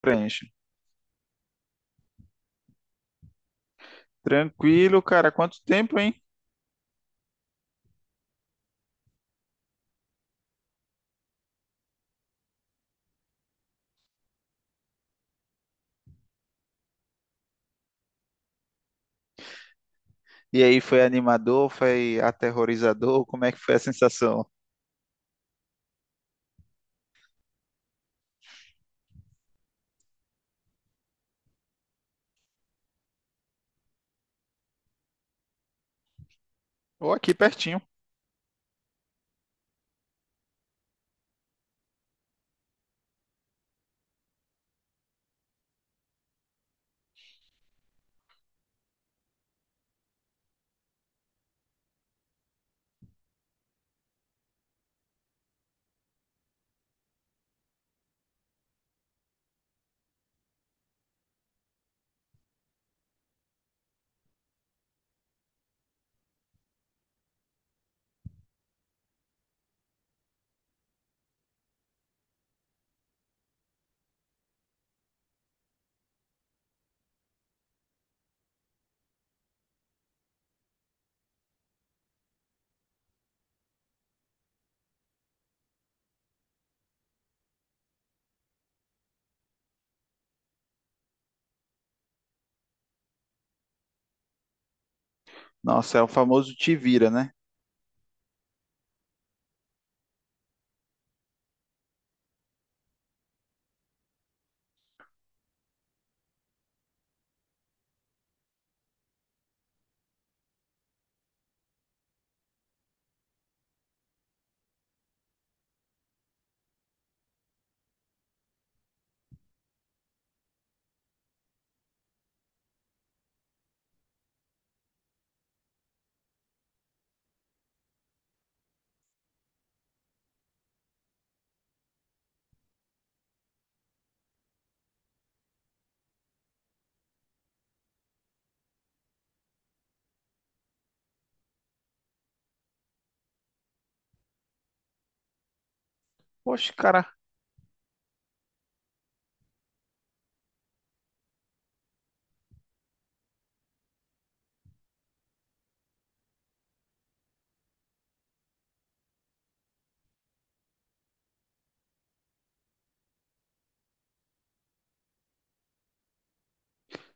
Preenche. Tranquilo, cara, quanto tempo, hein? E aí, foi animador, foi aterrorizador? Como é que foi a sensação? Ou aqui pertinho. Nossa, é o famoso te vira, né? Poxa, cara,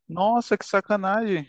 nossa, que sacanagem.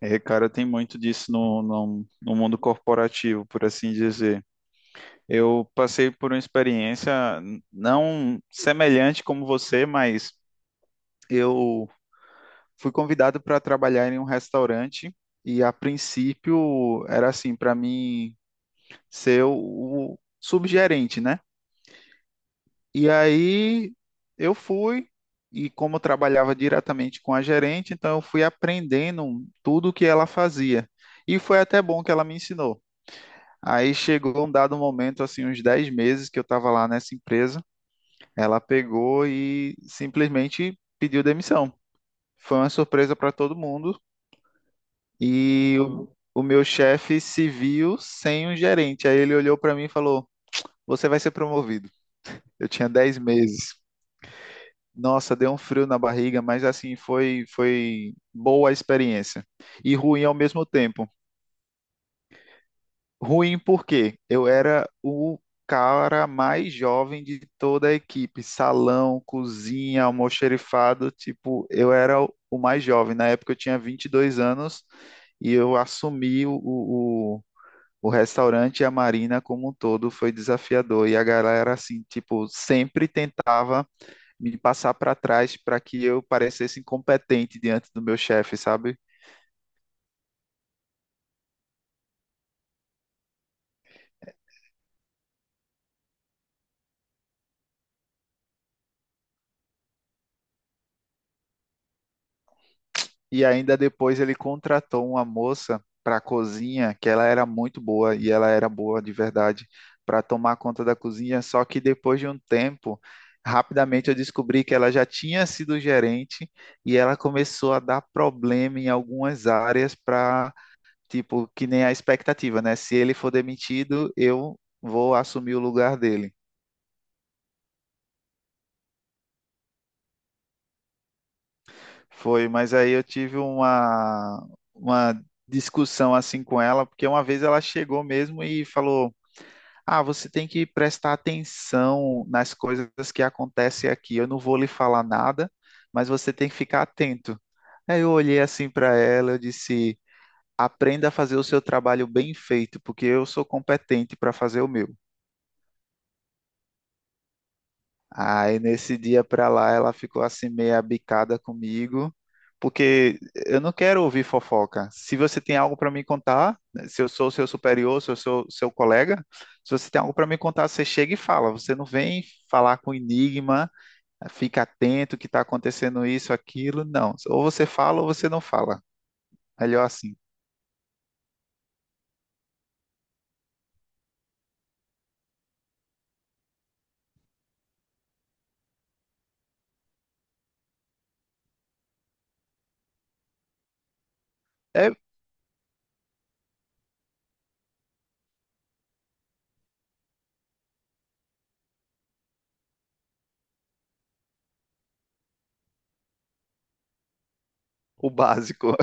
É, cara, tem muito disso no mundo corporativo, por assim dizer. Eu passei por uma experiência não semelhante como você, mas eu fui convidado para trabalhar em um restaurante e a princípio era assim, para mim ser o subgerente, né? E aí eu fui, e como eu trabalhava diretamente com a gerente, então eu fui aprendendo tudo o que ela fazia. E foi até bom que ela me ensinou. Aí chegou um dado momento, assim, uns 10 meses que eu estava lá nessa empresa, ela pegou e simplesmente pediu demissão. Foi uma surpresa para todo mundo e o meu chefe se viu sem um gerente. Aí ele olhou para mim e falou: Você vai ser promovido. Eu tinha 10 meses. Nossa, deu um frio na barriga, mas assim, foi boa a experiência. E ruim ao mesmo tempo. Ruim porque eu era o cara mais jovem de toda a equipe. Salão, cozinha, almoxerifado, tipo, eu era o mais jovem. Na época eu tinha 22 anos e eu assumi o restaurante e a marina como um todo. Foi desafiador. E a galera, assim, tipo, sempre tentava me passar para trás para que eu parecesse incompetente diante do meu chefe, sabe? E ainda depois ele contratou uma moça para a cozinha, que ela era muito boa e ela era boa de verdade para tomar conta da cozinha, só que depois de um tempo, rapidamente eu descobri que ela já tinha sido gerente e ela começou a dar problema em algumas áreas para, tipo, que nem a expectativa, né? Se ele for demitido, eu vou assumir o lugar dele. Foi, mas aí eu tive uma discussão assim com ela, porque uma vez ela chegou mesmo e falou: Ah, você tem que prestar atenção nas coisas que acontecem aqui. Eu não vou lhe falar nada, mas você tem que ficar atento. Aí eu olhei assim para ela, eu disse: Aprenda a fazer o seu trabalho bem feito, porque eu sou competente para fazer o meu. Aí nesse dia pra lá ela ficou assim meio abicada comigo, porque eu não quero ouvir fofoca. Se você tem algo pra me contar, né, se eu sou seu superior, se eu sou seu colega, se você tem algo pra me contar, você chega e fala. Você não vem falar com enigma, fica atento que tá acontecendo isso, aquilo, não. Ou você fala ou você não fala. Melhor assim. É o básico.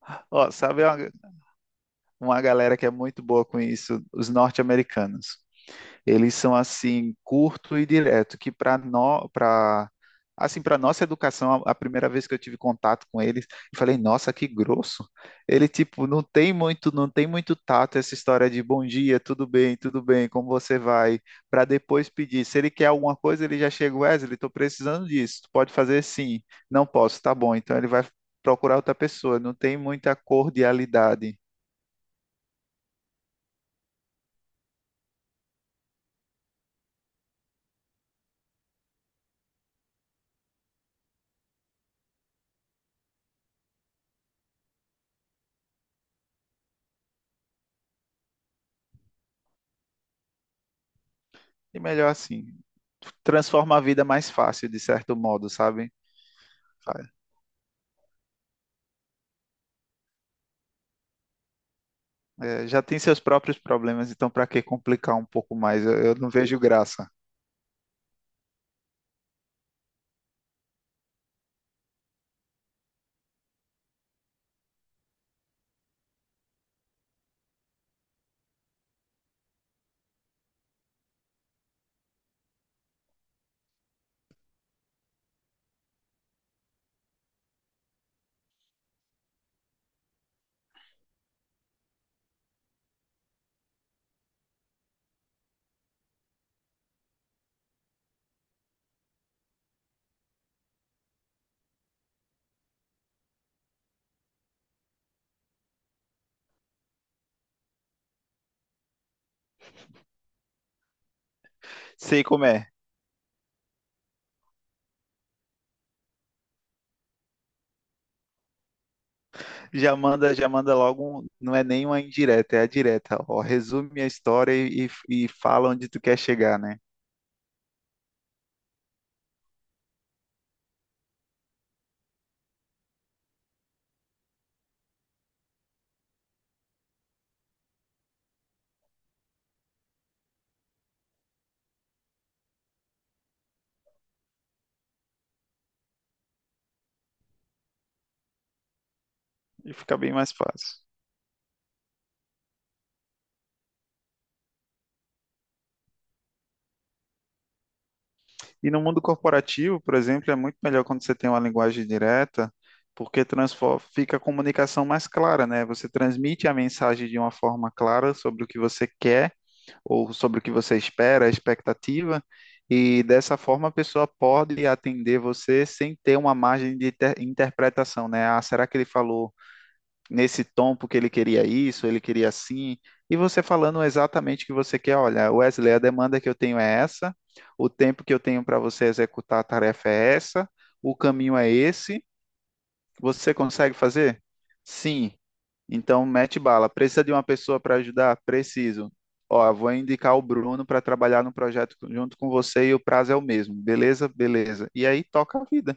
Ó, sabe uma galera que é muito boa com isso? Os norte-americanos. Eles são assim curto e direto, que para nós, para assim para nossa educação, a primeira vez que eu tive contato com eles, eu falei, nossa, que grosso. Ele tipo não tem muito, não tem muito tato essa história de bom dia, tudo bem, como você vai, para depois pedir. Se ele quer alguma coisa, ele já chega, Wesley, estou precisando disso. Tu pode fazer sim. Não posso, tá bom. Então ele vai procurar outra pessoa, não tem muita cordialidade. E melhor assim, transforma a vida mais fácil, de certo modo, sabe? É, já tem seus próprios problemas, então para que complicar um pouco mais? Eu não vejo graça. Sei como é. Já manda logo, não é nem uma indireta, é a direta. Ó, resume a história e fala onde tu quer chegar, né? E fica bem mais fácil. E no mundo corporativo, por exemplo, é muito melhor quando você tem uma linguagem direta, porque fica a comunicação mais clara, né? Você transmite a mensagem de uma forma clara sobre o que você quer ou sobre o que você espera, a expectativa, e dessa forma a pessoa pode atender você sem ter uma margem de interpretação, né? Ah, será que ele falou nesse tom porque ele queria isso, ele queria assim? E você falando exatamente o que você quer, olha, Wesley, a demanda que eu tenho é essa, o tempo que eu tenho para você executar a tarefa é essa, o caminho é esse, você consegue fazer? Sim. Então, mete bala. Precisa de uma pessoa para ajudar? Preciso. Ó, vou indicar o Bruno para trabalhar no projeto junto com você e o prazo é o mesmo. Beleza? Beleza. E aí toca a vida.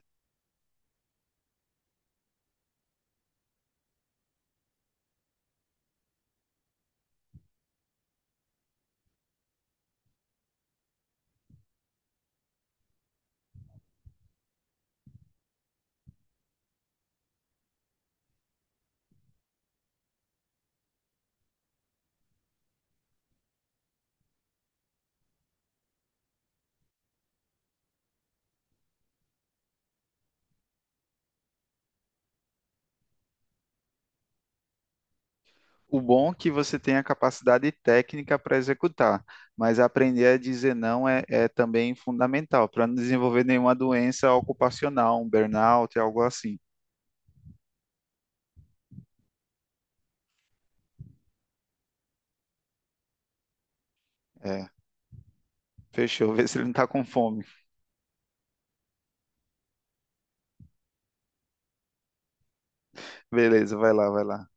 O bom é que você tem a capacidade técnica para executar, mas aprender a dizer não é também fundamental para não desenvolver nenhuma doença ocupacional, um burnout, algo assim. É, fechou. Vê se ele não está com fome. Beleza, vai lá, vai lá.